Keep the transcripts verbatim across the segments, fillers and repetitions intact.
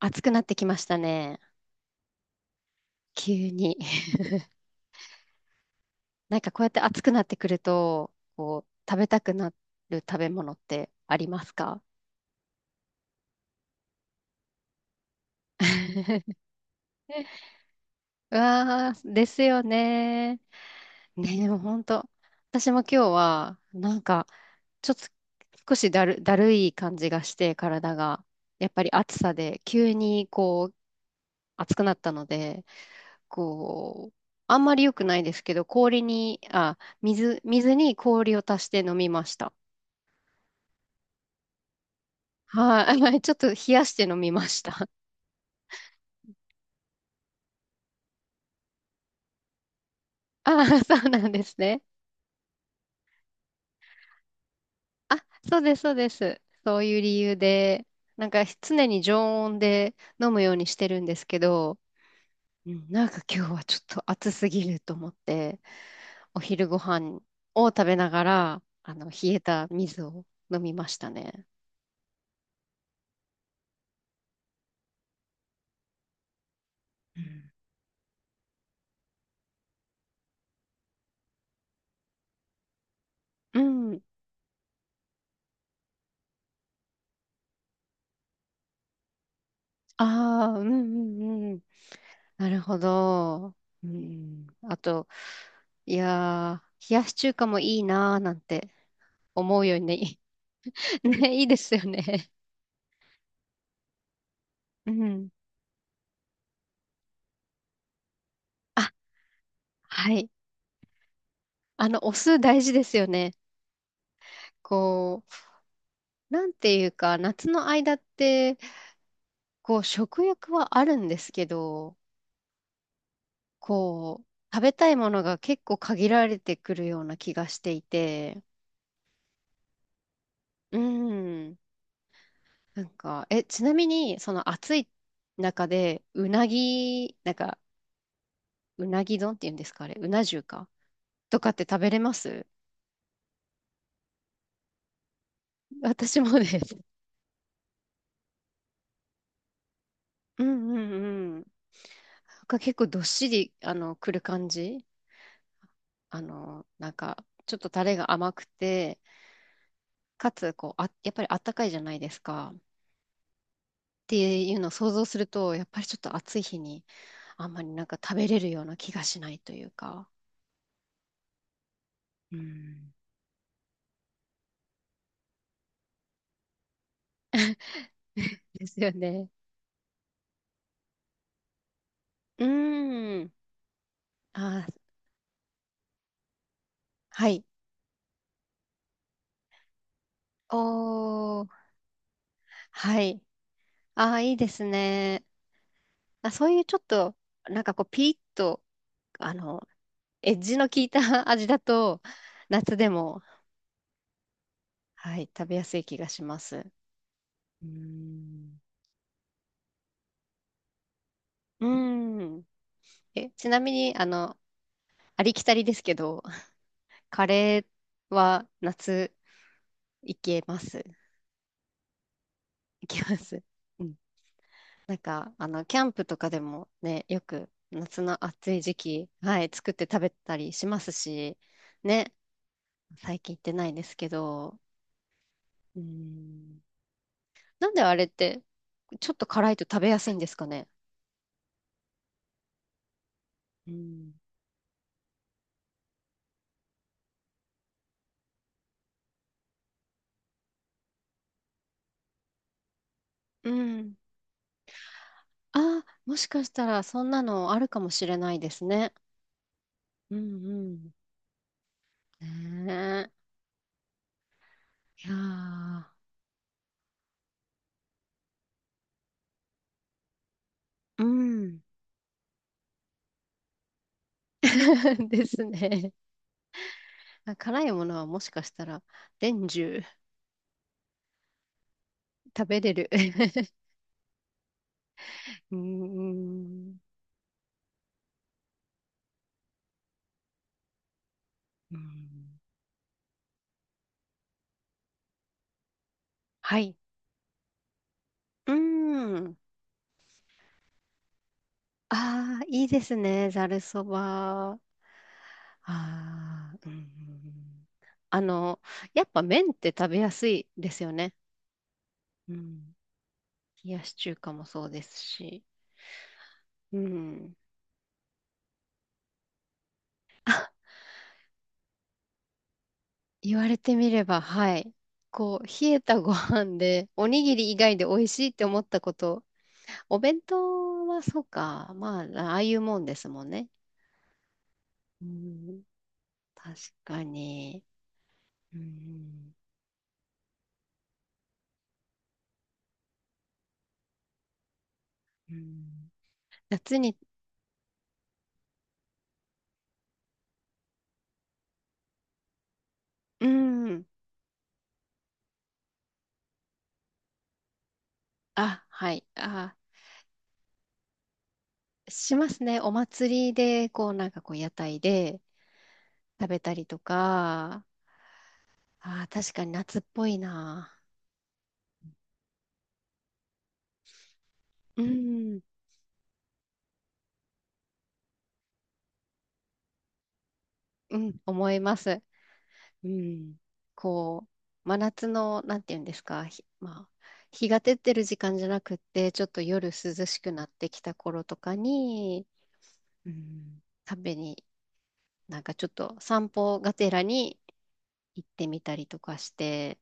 暑くなってきましたね。急に。なんかこうやって暑くなってくると、こう、食べたくなる食べ物ってありますか？ うわー、ですよね。ねえ、もうほんと。私も今日は、なんか、ちょっと少しだる、だるい感じがして、体が。やっぱり暑さで、急にこう、暑くなったので、こう、あんまり良くないですけど、氷に、あ、水、水に氷を足して飲みました。はい、ちょっと冷やして飲みました。ああ、そうなんですね。あ、そうです、そうです。そういう理由で、なんか常に常温で飲むようにしてるんですけど、うん、なんか今日はちょっと暑すぎると思って、お昼ご飯を食べながら、あの、冷えた水を飲みましたね。うん。うん、ああ、うんうんうん。なるほど。うん。あと、いやー、冷やし中華もいいなーなんて。思うように。ね、いいですよね。うん。あ、はい。あの、お酢大事ですよね。こう、なんていうか、夏の間って、こう、食欲はあるんですけど、こう、食べたいものが結構限られてくるような気がしていて、うん。なんか、え、ちなみに、その暑い中で、うなぎ、なんか、うなぎ丼っていうんですか、あれ、うな重かとかって食べれます？ 私もね、うんうんうん。なんか結構どっしり、あの、くる感じ、あの、なんか、ちょっとタレが甘くて、かつ、こう、あ、やっぱりあったかいじゃないですか。っていうのを想像すると、やっぱりちょっと暑い日に、あんまりなんか食べれるような気がしないというか。うん。ですよね。うーん。あー、はい。おー、はい。あー、いいですね。あ、そういうちょっと、なんかこう、ピリッと、あの、エッジの効いた 味だと、夏でも、はい、食べやすい気がします。うーん。うーん。え、ちなみに、あの、ありきたりですけど、カレーは夏いけます？いけます。うん。なんか、あの、キャンプとかでもね、よく夏の暑い時期、はい、作って食べたりしますし、ね、最近行ってないですけど、うーん。なんであれって、ちょっと辛いと食べやすいんですかね。うんうん。あ、もしかしたらそんなのあるかもしれないですね。うんうん。ねえ。いやー、うん。ですね。あ、辛いものはもしかしたら年中食べれる。うん。うん、はい。うん。ああ、いいですね。ざるそば。ああ、うん。あの、やっぱ麺って食べやすいですよね。うん。冷やし中華もそうですし、うん。言われてみれば、はい。こう、冷えたご飯で、おにぎり以外で美味しいって思ったこと、お弁当はそうか、まあ、ああいうもんですもんね。うん、確かに。うん、うん、夏に、うん、あ、はい、あ、しますね。お祭りで、こう、なんかこう、屋台で食べたりとか、あ、確かに夏っぽいな。うんうん、思います。うん。こう、真夏の、なんていうんですか、ひまあ、日が照ってる時間じゃなくって、ちょっと夜涼しくなってきた頃とかに、うん、食べに、なんかちょっと散歩がてらに行ってみたりとかして、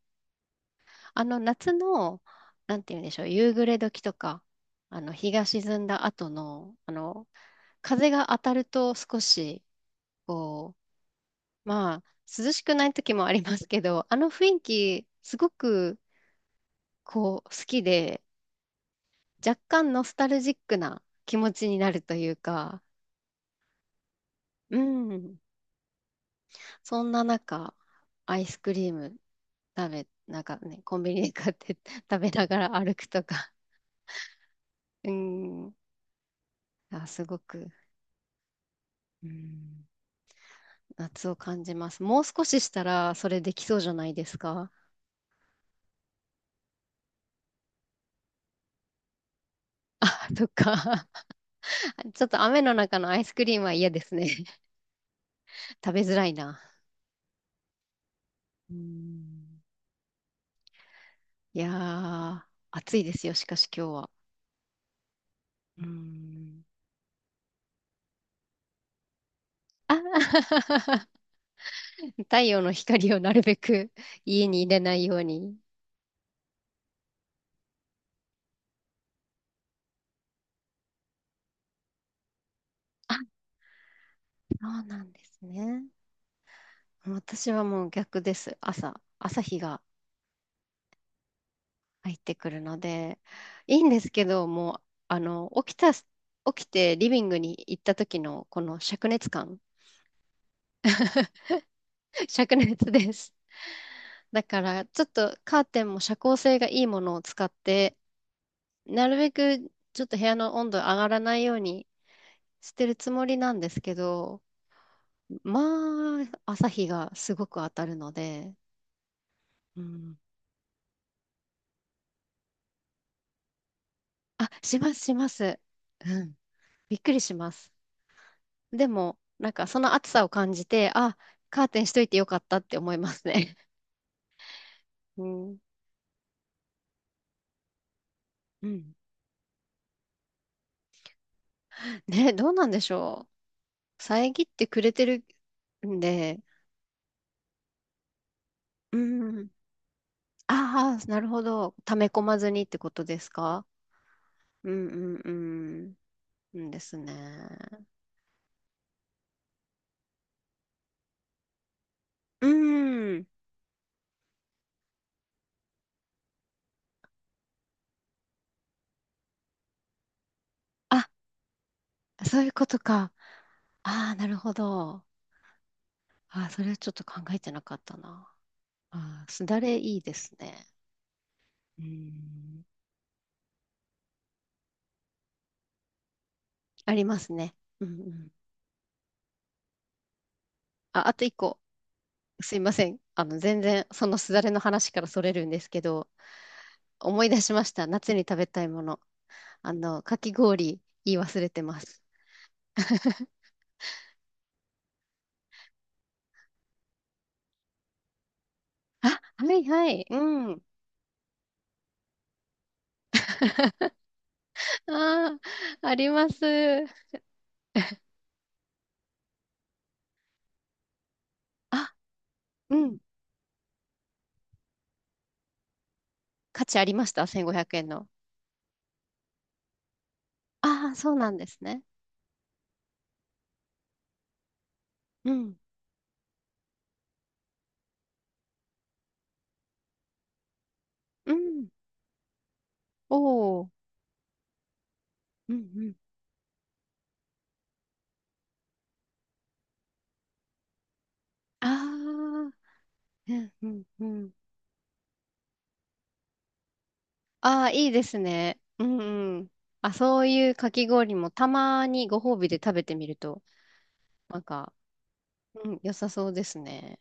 あの夏の、なんていうんでしょう、夕暮れ時とか、あの日が沈んだ後の、あの、風が当たると少し、こう、まあ、涼しくない時もありますけど、あの雰囲気、すごく、こう、好きで、若干ノスタルジックな気持ちになるというか、うん。そんな中、アイスクリーム食べ、なんかね、コンビニで買って 食べながら歩くとか、うん。あ、すごく、うん、夏を感じます。もう少ししたら、それできそうじゃないですか。あ、とか、ちょっと雨の中のアイスクリームは嫌ですね。食べづらいな。うん。いやー、暑いですよ、しかし今日は。うん。あ 太陽の光をなるべく家に入れないように。あ、そうなんですね。私はもう逆です。朝、朝日が入ってくるので、いいんですけど、もう、あの、起きた、起きてリビングに行った時のこの灼熱感、灼熱です。だから、ちょっとカーテンも遮光性がいいものを使って、なるべくちょっと部屋の温度上がらないようにしてるつもりなんですけど、まあ、朝日がすごく当たるので、うん。あ、します、します。うん。びっくりします。でも、なんかその暑さを感じて、あ、カーテンしといてよかったって思いますね。うん。うん。ね、どうなんでしょう。遮ってくれてるんで、うん。ああ、なるほど。溜め込まずにってことですか？うんうんうん。うんですね。うん。あ、そういうことか。ああ、なるほど。ああ、それはちょっと考えてなかったな。ああ、すだれいいですね。うん。ありますね。うんうん。あ、あと一個。すいません。あの、全然、そのすだれの話からそれるんですけど、思い出しました。夏に食べたいもの。あの、かき氷、言い忘れてます。あ、はいはい。うん。ああ、あります。あ、うん。価値ありました。せんごひゃくえんの。ああ、そうなんですね。うん。うん。おお。うんうん。ああ。うんうんうん。ああ、いいですね。うんうん。あ、そういうかき氷もたまにご褒美で食べてみると、なんか、うん、良さそうですね。